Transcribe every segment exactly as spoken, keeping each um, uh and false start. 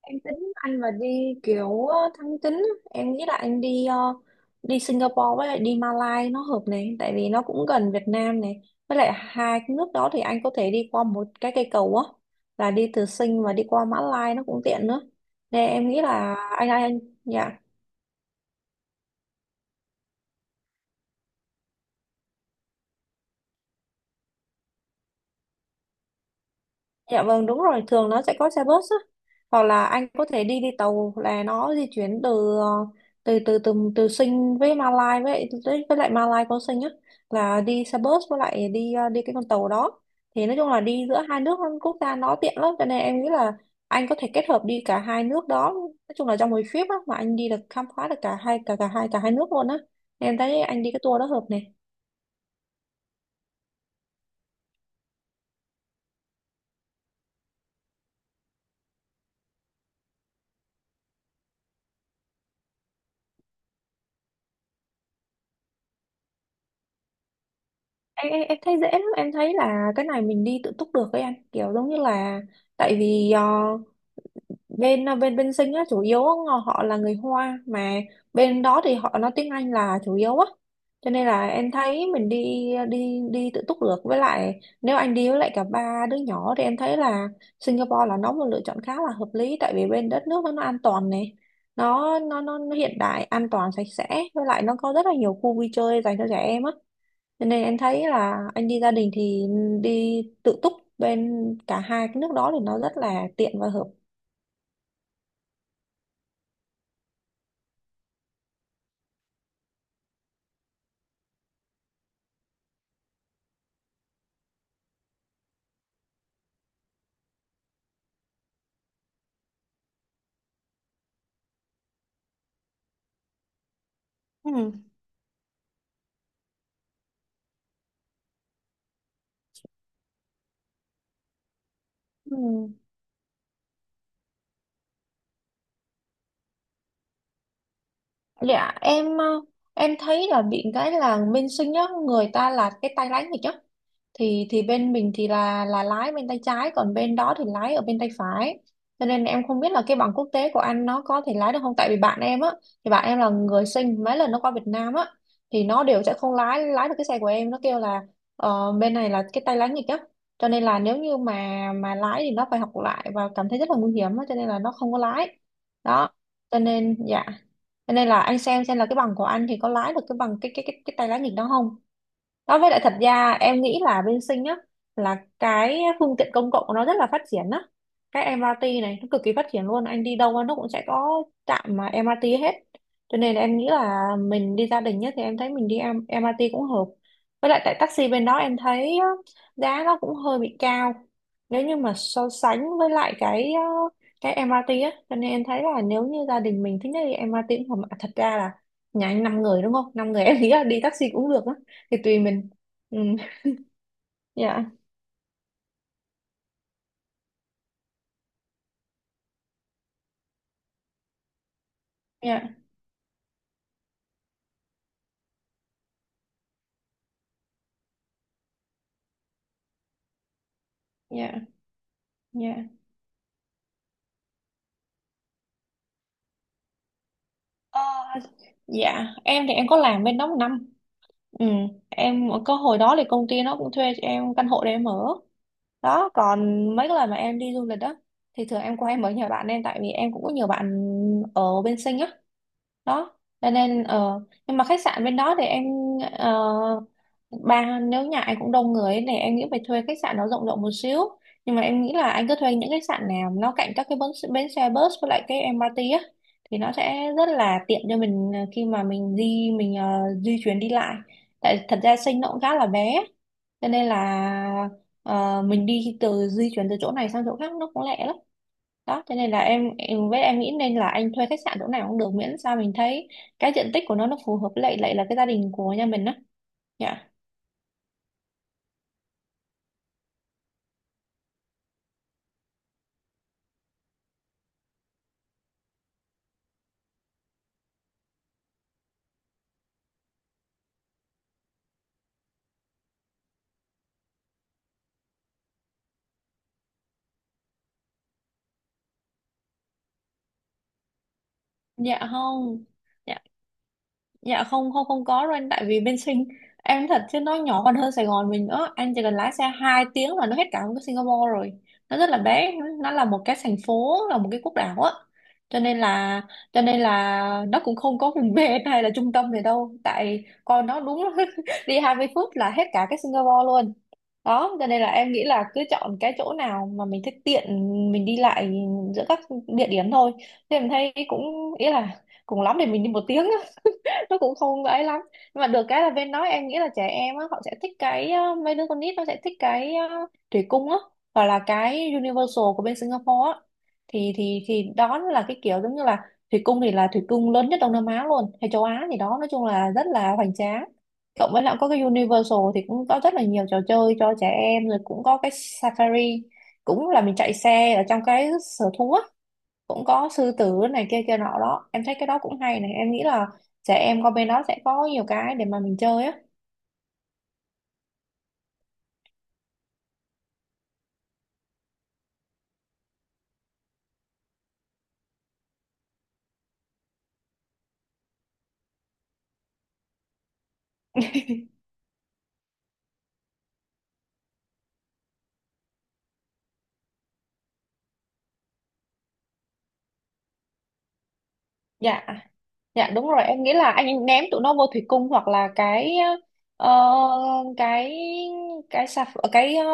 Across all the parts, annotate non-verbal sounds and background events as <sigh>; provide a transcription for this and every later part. Em tính anh mà đi kiểu ờ, tháng chín á. Em nghĩ là anh đi ờ, đi Singapore với lại đi Malaysia nó hợp này, tại vì nó cũng gần Việt Nam này. Với lại hai cái nước đó thì anh có thể đi qua một cái cây cầu á, là đi từ Sing và đi qua Mã Lai nó cũng tiện nữa, nên em nghĩ là anh anh, anh Dạ, dạ vâng đúng rồi, thường nó sẽ có xe bus á, hoặc là anh có thể đi đi tàu, là nó di chuyển từ ờ, từ từ từ từ Sing với Malai, với với với lại Malai có Sing á, là đi xe bus với lại đi ờ, đi cái con tàu đó. Thì nói chung là đi giữa hai nước quốc gia nó tiện lắm, cho nên em nghĩ là anh có thể kết hợp đi cả hai nước đó, nói chung là trong một trip á, mà anh đi được, khám phá được cả hai cả cả hai cả hai nước luôn á. Em thấy anh đi cái tour đó hợp này. Em, em em thấy dễ lắm, em thấy là cái này mình đi tự túc được ấy anh, kiểu giống như là tại vì ờ, bên ờ, bên bên Sinh á chủ yếu họ họ là người Hoa, mà bên đó thì họ nói tiếng Anh là chủ yếu á, cho nên là em thấy mình đi đi đi tự túc được. Với lại nếu anh đi với lại cả ba đứa nhỏ thì em thấy là Singapore là nó một lựa chọn khá là hợp lý, tại vì bên đất nước nó, nó an toàn này, nó nó nó nó hiện đại, an toàn, sạch sẽ, với lại nó có rất là nhiều khu vui chơi dành cho trẻ em á. Cho nên em thấy là anh đi gia đình thì đi tự túc bên cả hai cái nước đó thì nó rất là tiện và hợp. Ừ. Ừ. Dạ, em ờ, em thấy là bị cái là bên sinh nhá, người ta là cái tay lái nghịch á. Thì thì bên mình thì là là lái bên tay trái, còn bên đó thì lái ở bên tay phải, cho nên em không biết là cái bằng quốc tế của anh nó có thể lái được không, tại vì bạn em á, thì bạn em là người sinh, mấy lần nó qua Việt Nam á thì nó đều sẽ không lái lái được cái xe của em, nó kêu là ờ, bên này là cái tay lái nghịch á, cho nên là nếu như mà mà lái thì nó phải học lại và cảm thấy rất là nguy hiểm á, cho nên là nó không có lái đó. Cho nên dạ, cho nên là anh xem xem là cái bằng của anh thì có lái được cái bằng cái cái cái cái tay lái nghịch đó không? Đó, với lại thật ra em nghĩ là bên Sinh á là cái phương tiện công cộng của nó rất là phát triển á. Cái em rờ tê này nó cực kỳ phát triển luôn, anh đi đâu nó cũng sẽ có trạm mà em MRT hết. Cho nên là em nghĩ là mình đi gia đình nhất thì em thấy mình đi em- MRT cũng hợp. Với lại tại taxi bên đó em thấy á, giá nó cũng hơi bị cao. Nếu như mà so sánh với lại cái ờ, cái em rờ tê á, cho nên em thấy là nếu như gia đình mình thích nhất đi em rờ tê cũng hợp. Mà thật ra là nhà anh năm người đúng không? Năm người em nghĩ là đi taxi cũng được á, thì tùy mình. Ừ. Dạ. Dạ. Dạ. Dạ. Ờ, dạ em thì em có làm bên đó một năm. Ừ, em có hồi đó thì công ty nó cũng thuê cho em căn hộ để em ở đó. Còn mấy cái lần mà em đi du lịch đó thì thường em qua em ở nhà bạn em, tại vì em cũng có nhiều bạn ở bên Sinh á. Đó, cho nên ờ, nhưng mà khách sạn bên đó thì em, ờ, ba, nếu nhà anh cũng đông người ấy, thì em nghĩ phải thuê khách sạn nó rộng rộng một xíu. Nhưng mà em nghĩ là anh cứ thuê những khách sạn nào nó cạnh các cái bến, bến xe bus với lại cái em MRT á, thì nó sẽ rất là tiện cho mình ờ, khi mà mình di mình ờ, di chuyển đi lại. Tại thật ra Sinh nó cũng khá là bé, cho nên là ờ, mình đi từ di chuyển từ chỗ này sang chỗ khác nó cũng lẹ lắm đó. Thế nên là em em với em nghĩ nên là anh thuê khách sạn chỗ nào cũng được, miễn sao mình thấy cái diện tích của nó nó phù hợp với lại lại là cái gia đình của nhà mình á. Dạ. Dạ. Không. Dạ. Dạ, không không không có đâu anh, tại vì bên Sing em thật chứ nó nhỏ còn hơn Sài Gòn mình nữa, anh chỉ cần lái xe hai tiếng là nó hết cả một cái Singapore rồi. Nó rất là bé, nó là một cái thành phố, là một cái quốc đảo á, cho nên là cho nên là nó cũng không có vùng <laughs> ven hay là trung tâm gì đâu, tại con nó đúng <laughs> đi hai mươi phút là hết cả cái Singapore luôn đó. Cho nên là em nghĩ là cứ chọn cái chỗ nào mà mình thích, tiện mình đi lại giữa các địa điểm thôi, thì em thấy cũng ý là cùng lắm thì mình đi một tiếng <laughs> nó cũng không ấy lắm. Nhưng mà được cái là bên đó em nghĩ là trẻ em á họ sẽ thích cái ờ, mấy đứa con nít nó sẽ thích cái ờ, thủy cung á, hoặc là cái Universal của bên Singapore á, thì thì thì đó là cái kiểu giống như là thủy cung thì là thủy cung lớn nhất Đông Nam Á luôn, hay châu Á gì đó, nói chung là rất là hoành tráng. Cộng với lại có cái Universal thì cũng có rất là nhiều trò chơi cho trẻ em, rồi cũng có cái Safari, cũng là mình chạy xe ở trong cái sở thú á, cũng có sư tử này kia kia nọ đó. Em thấy cái đó cũng hay này, em nghĩ là trẻ em qua bên đó sẽ có nhiều cái để mà mình chơi á. Dạ, dạ đúng rồi, em nghĩ là anh ném tụi nó vô thủy cung, hoặc là cái ờ, cái cái sạp cái ờ,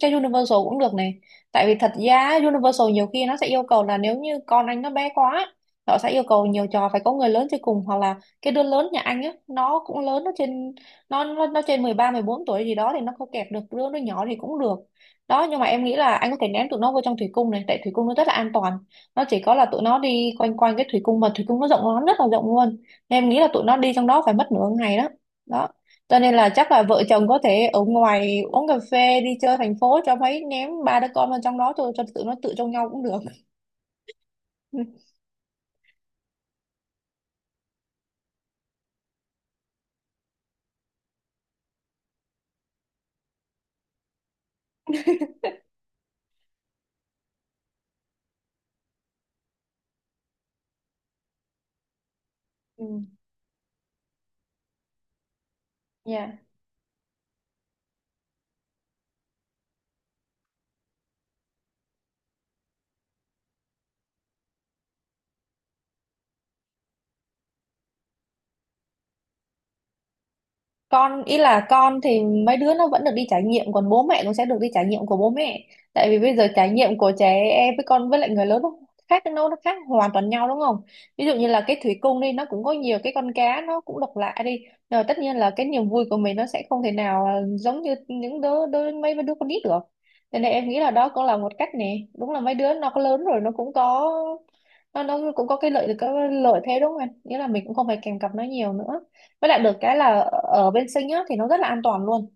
cái Universal cũng được này. Tại vì thật ra Universal nhiều khi nó sẽ yêu cầu là nếu như con anh nó bé quá nó sẽ yêu cầu nhiều trò phải có người lớn chơi cùng, hoặc là cái đứa lớn nhà anh á nó cũng lớn, nó trên nó nó, nó trên mười ba mười bốn tuổi gì đó thì nó không kẹp được đứa nó nhỏ thì cũng được đó. Nhưng mà em nghĩ là anh có thể ném tụi nó vô trong thủy cung này, tại thủy cung nó rất là an toàn, nó chỉ có là tụi nó đi quanh quanh cái thủy cung, mà thủy cung nó rộng lắm, rất là rộng luôn, nên em nghĩ là tụi nó đi trong đó phải mất nửa ngày đó. Đó, cho nên là chắc là vợ chồng có thể ở ngoài uống cà phê, đi chơi thành phố, cho mấy ném ba đứa con vào trong đó cho cho tụi nó tự trông nhau cũng được. <laughs> Ừ. Yeah, con ý là con thì mấy đứa nó vẫn được đi trải nghiệm, còn bố mẹ cũng sẽ được đi trải nghiệm của bố mẹ. Tại vì bây giờ trải nghiệm của trẻ em với con với lại người lớn nó khác, nó nó khác hoàn toàn nhau đúng không? Ví dụ như là cái thủy cung đi nó cũng có nhiều cái con cá nó cũng độc lạ đi, rồi tất nhiên là cái niềm vui của mình nó sẽ không thể nào, à, giống như những đứa đứa mấy đứa con nít được. Cho nên em nghĩ là đó cũng là một cách nè, đúng là mấy đứa nó có lớn rồi nó cũng có nó, nó cũng có cái lợi cái lợi thế đúng không anh, nghĩa là mình cũng không phải kèm cặp nó nhiều nữa. Với lại được cái là ở bên Sinh á, thì nó rất là an toàn luôn.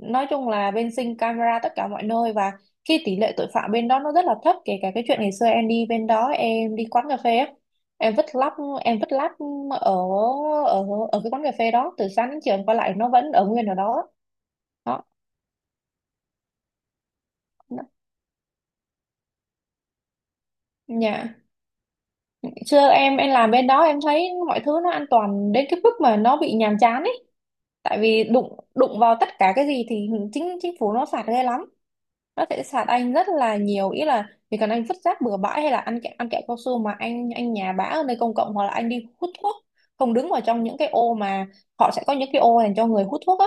Nói chung là bên Sinh camera tất cả mọi nơi và khi tỷ lệ tội phạm bên đó nó rất là thấp. Kể cả cái chuyện ngày xưa em đi bên đó, em đi quán cà phê á. Em vứt lắp, em vứt lắp ở ở ở cái quán cà phê đó từ sáng đến chiều em quay lại nó vẫn ở nguyên ở đó. Đó, nhà xưa em em làm bên đó em thấy mọi thứ nó an toàn đến cái mức mà nó bị nhàm chán ấy. Tại vì đụng đụng vào tất cả cái gì thì chính chính phủ nó phạt ghê lắm, nó sẽ phạt anh rất là nhiều, ý là chỉ cần anh vứt rác bừa bãi hay là ăn kẹo ăn kẹo cao su mà anh anh nhà bã ở nơi công cộng, hoặc là anh đi hút thuốc không đứng vào trong những cái ô mà họ sẽ có những cái ô dành cho người hút thuốc á.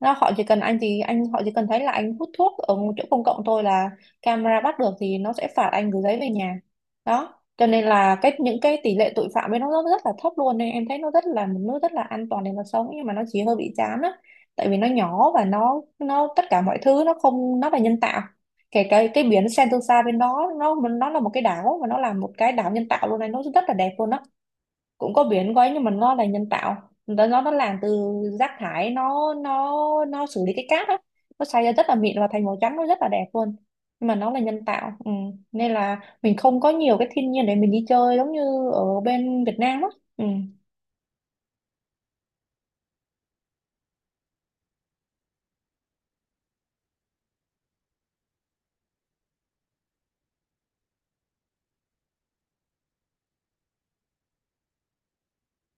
Nó họ chỉ cần anh thì anh Họ chỉ cần thấy là anh hút thuốc ở một chỗ công cộng thôi là camera bắt được, thì nó sẽ phạt anh gửi giấy về nhà. Đó, cho nên là cái những cái tỷ lệ tội phạm ấy nó rất, rất là thấp luôn, nên em thấy nó rất là một nước rất là an toàn để mà sống, nhưng mà nó chỉ hơi bị chán á. Tại vì nó nhỏ và nó nó tất cả mọi thứ nó không, nó là nhân tạo. Kể cái cái biển Sentosa bên đó nó nó là một cái đảo, mà nó là một cái đảo nhân tạo luôn này, nó rất là đẹp luôn á. Cũng có biển quấy nhưng mà nó là nhân tạo, nó nó nó làm từ rác thải, nó nó nó xử lý cái cát á. Nó xay ra rất là mịn và thành màu trắng, nó rất là đẹp luôn, nhưng mà nó là nhân tạo. Ừ. Nên là mình không có nhiều cái thiên nhiên để mình đi chơi giống như ở bên Việt Nam á. Ừ.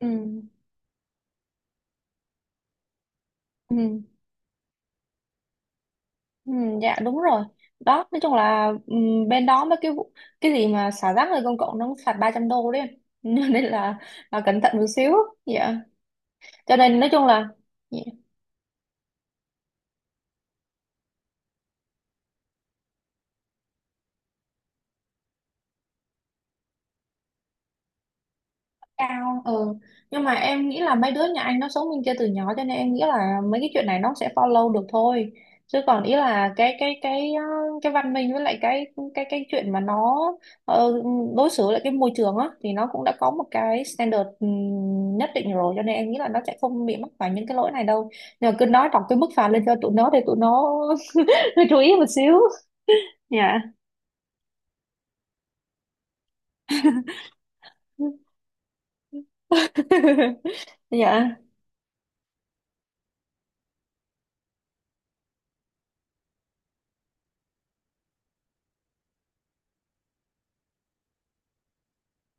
Ừ. Ừ. Ừ. Dạ, đúng rồi. Đó, nói chung là ừ, bên đó mấy cái vụ- cái gì mà xả rác nơi công cộng nó cũng phạt ba trăm đô đấy em. <laughs> Nên là, là cẩn thận một xíu. Dạ. Cho nên nói chung là cao. Ừ. Nhưng mà em nghĩ là mấy đứa nhà anh nó sống bên kia từ nhỏ, cho nên em nghĩ là mấy cái chuyện này nó sẽ follow được thôi. Chứ còn ý là cái cái cái ờ, cái văn minh, với lại cái cái cái chuyện mà nó ờ, đối xử lại cái môi trường á, thì nó cũng đã có một cái standard ừm, nhất định rồi, cho nên em nghĩ là nó sẽ không bị mắc phải những cái lỗi này đâu. Nhưng mà cứ nói đọc cái mức phạt lên cho tụi nó để tụi nó <laughs> chú ý một xíu. Dạ. <laughs> Dạ.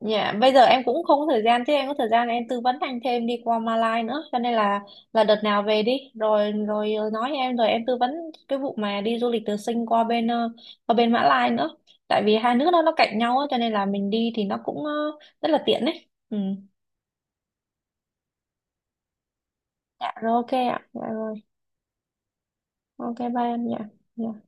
Dạ, bây giờ em cũng không có thời gian, chứ em có thời gian em tư vấn anh thêm đi qua Malai nữa, cho nên là là đợt nào về đi rồi rồi nói em, rồi em tư vấn cái vụ mà đi du lịch từ Sing qua bên ờ, qua bên Mã Lai nữa. Tại vì hai nước đó nó cạnh nhau á, cho nên là mình đi thì nó cũng ờ, rất là tiện đấy. Ừ. Dạ rồi, ok ạ. Dạ rồi. Ok, bye em. Dạ. Dạ.